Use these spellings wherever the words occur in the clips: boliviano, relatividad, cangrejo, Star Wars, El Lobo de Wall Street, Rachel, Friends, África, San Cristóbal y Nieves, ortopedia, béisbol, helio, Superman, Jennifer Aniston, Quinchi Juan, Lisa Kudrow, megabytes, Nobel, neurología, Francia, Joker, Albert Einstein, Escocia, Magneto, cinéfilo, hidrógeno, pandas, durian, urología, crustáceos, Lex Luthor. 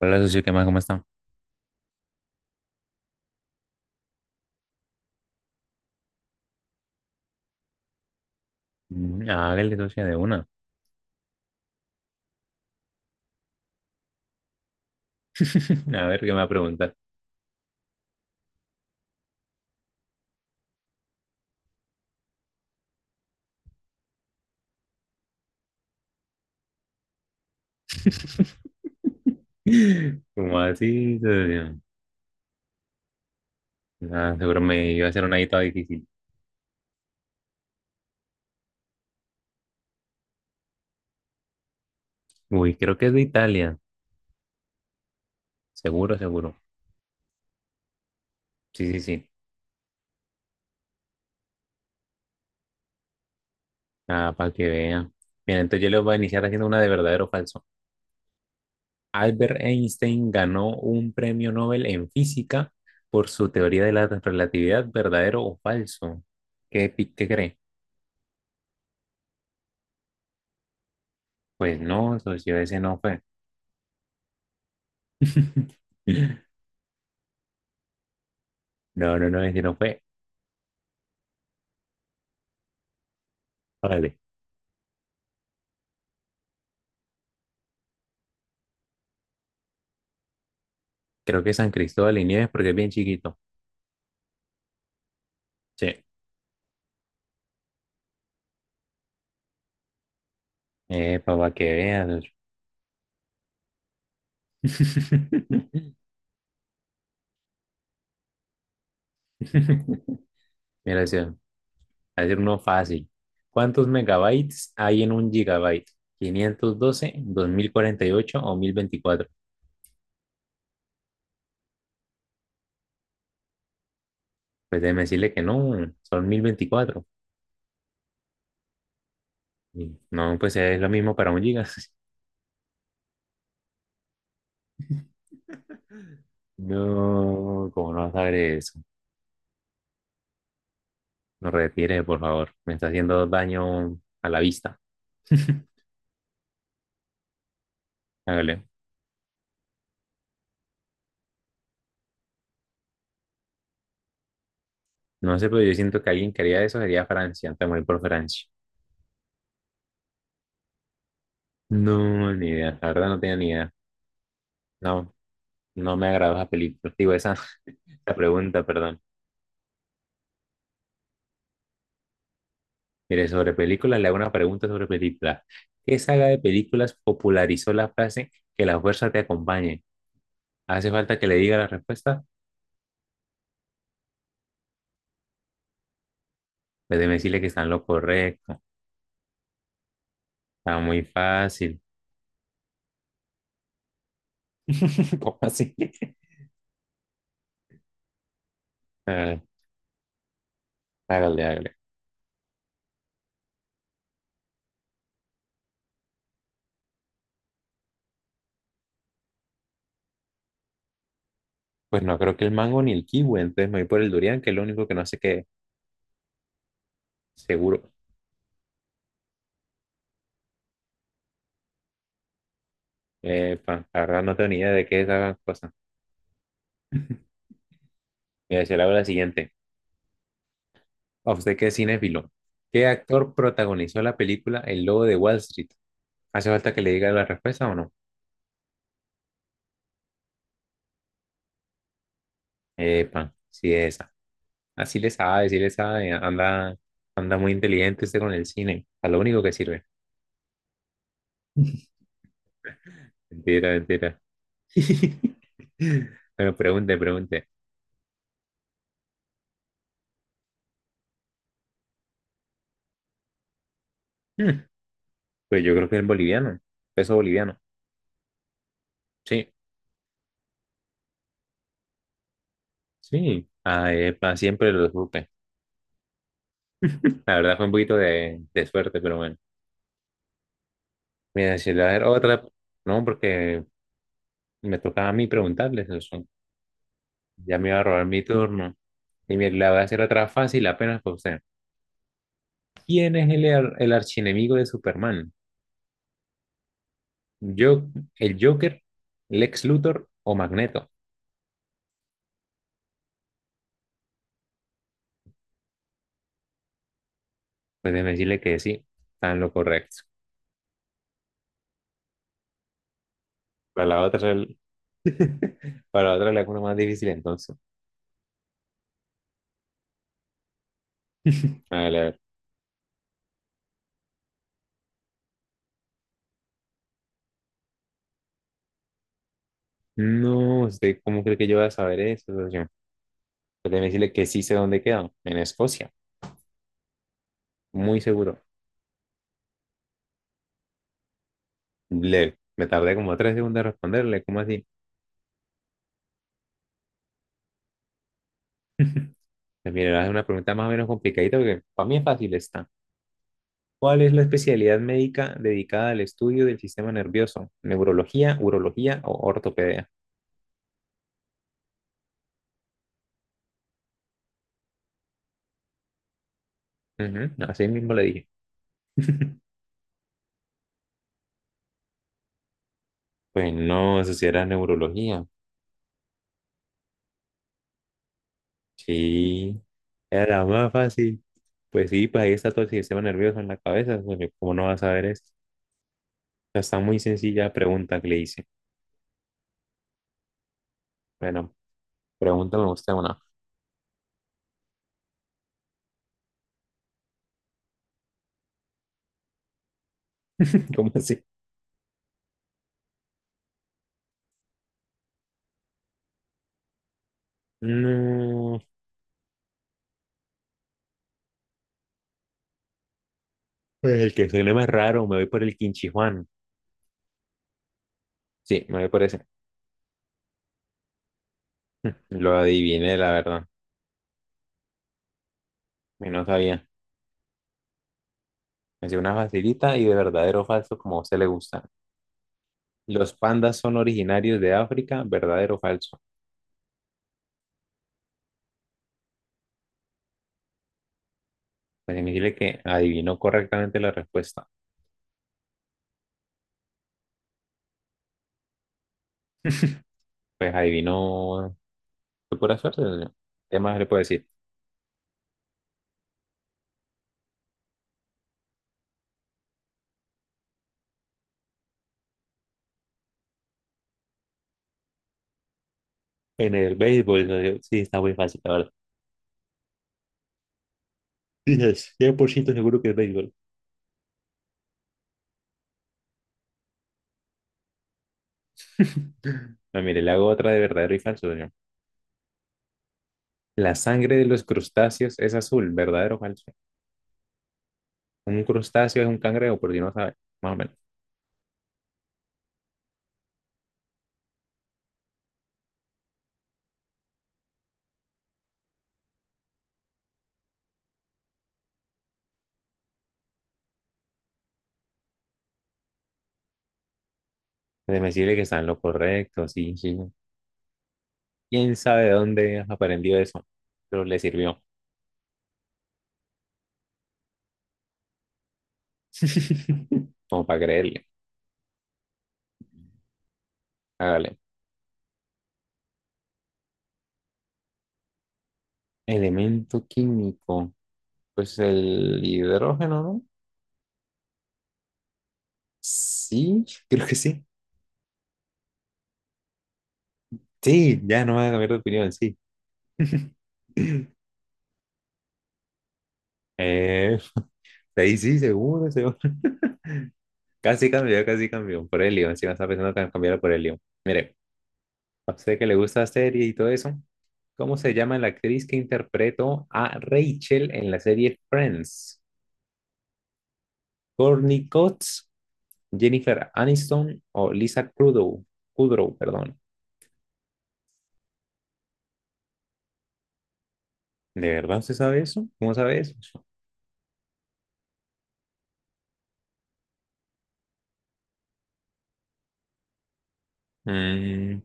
Hola, socio, ¿qué más? ¿Cómo está? Mm. Hágale, socio, de una. A ver, ¿qué me va a preguntar? ¿Cómo así, socio? Ah, seguro me iba a hacer una ahí toda difícil. Uy, creo que es de Italia. Seguro, seguro. Sí, sí, sí. Ah, para que vea. Bien, entonces yo les voy a iniciar haciendo una de verdadero o falso. Albert Einstein ganó un premio Nobel en física por su teoría de la relatividad, ¿verdadero o falso? ¿Qué, qué cree? Pues no, socio, ese no fue. No, no, no, ese no fue. Vale. Creo que San Cristóbal y Nieves porque es bien chiquito. Sí. Para que veas. Mira, sí, voy a decir uno fácil. ¿Cuántos megabytes hay en un gigabyte? ¿512, 2048 o 1024? Pues déjeme decirle que no, son 1024. Y no, pues es lo mismo para un giga. ¿No, como no sabré eso? No retire, por favor. Me está haciendo daño a la vista. Hágale. No sé, pero yo siento que alguien que haría eso sería Francia, te morir por Francia. No, ni idea, la verdad no tenía ni idea. No, no me agradó esa película, digo, esa, esa pregunta, perdón. Mire, sobre películas, le hago una pregunta sobre películas. ¿Qué saga de películas popularizó la frase que la fuerza te acompañe? ¿Hace falta que le diga la respuesta? Pues déjeme decirle que está en lo correcto. Está muy fácil. ¿Cómo así? Ah, hágale, hágale. Pues no creo que el mango ni el kiwi, entonces me voy por el durian, que es lo único que no sé qué, es. Seguro. Epa, la verdad no tengo ni idea de qué es esa cosa. Me decía la siguiente. ¿A usted qué, es cinéfilo? ¿Qué actor protagonizó la película El Lobo de Wall Street? ¿Hace falta que le diga la respuesta o no? Epa, sí es esa. Así le sabe, sí le sabe. Anda, anda muy inteligente usted con el cine. A lo único que sirve. Mentira, mentira. Bueno, pregunte, pregunte. Hmm, pues yo creo que es boliviano. Peso boliviano. Sí, sí. Ah, epa, siempre lo supe. La verdad fue un poquito de suerte, pero bueno. Voy a decirle a ver otra, no, porque me tocaba a mí preguntarles eso. Ya me iba a robar mi turno. Y mire, le voy a hacer otra fácil apenas para usted. ¿Quién es el archienemigo de Superman? ¿Yo, el Joker, Lex Luthor o Magneto? Pues déjeme decirle que sí, están lo correcto. Para la otra, el- Para la otra le hago una más difícil entonces. A ver, a ver. No, ¿usted cómo cree que yo voy a saber eso, socio? Pues déjeme decirle que sí sé dónde queda: en Escocia. Muy seguro. Le, me tardé como 3 segundos en responderle. ¿Cómo así? Pues mira, es una pregunta más o menos complicadita porque para mí es fácil esta. ¿Cuál es la especialidad médica dedicada al estudio del sistema nervioso? ¿Neurología, urología o ortopedia? Ujú, así mismo le dije. Pues no, eso sí era neurología. Sí, era la más fácil. Pues sí, pues ahí está todo el sistema nervioso en la cabeza, pues. ¿Cómo no vas a ver eso? O sea, está muy sencilla la pregunta que le hice. Bueno, pregúntame usted una. ¿Cómo así? No, el que suene más raro, me voy por el Quinchi Juan. Sí, me voy por ese. Lo adiviné, la verdad. Y no sabía. Me hacía una facilita y de verdadero o falso, como a usted le gusta. Los pandas son originarios de África, ¿verdadero o falso? Pues significa que adivinó correctamente la respuesta. Pues adivinó. Fue pura suerte, ¿no? ¿Qué más le puedo decir? En el béisbol, ¿no? Sí, está muy fácil, la verdad. Dices, 100% seguro que es béisbol. No, mire, le hago otra de verdadero y falso, ¿no? La sangre de los crustáceos es azul, ¿verdadero o falso? Un crustáceo es un cangrejo, por si no sabe, más o menos. Déjeme decirle que está en lo correcto, sí, sí. ¿Quién sabe de dónde has aprendido eso? Pero le sirvió. Como para creerle. Hágale. Elemento químico. Pues el hidrógeno, ¿no? Sí, creo que sí. Sí, ya no va a cambiar de opinión, sí. Eh, ahí sí, seguro, seguro. Casi cambió, casi cambió. Por helio, encima estaba pensando que cambiara por helio. Mire, a usted que le gusta la serie y todo eso, ¿cómo se llama la actriz que interpretó a Rachel en la serie Friends? ¿Courtney Cox, Jennifer Aniston o Lisa Kudrow? Kudrow, perdón. ¿De verdad usted sabe eso? ¿Cómo sabe eso? Mm,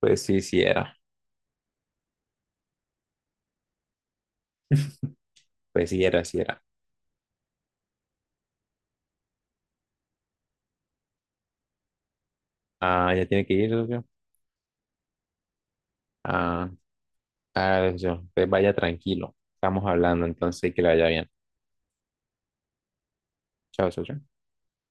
pues sí, sí era. Pues sí era, sí era. Ah, ya tiene que ir, socio. Ah, ah, socio. Pues vaya tranquilo. Estamos hablando, entonces que le vaya bien. Chao, socio.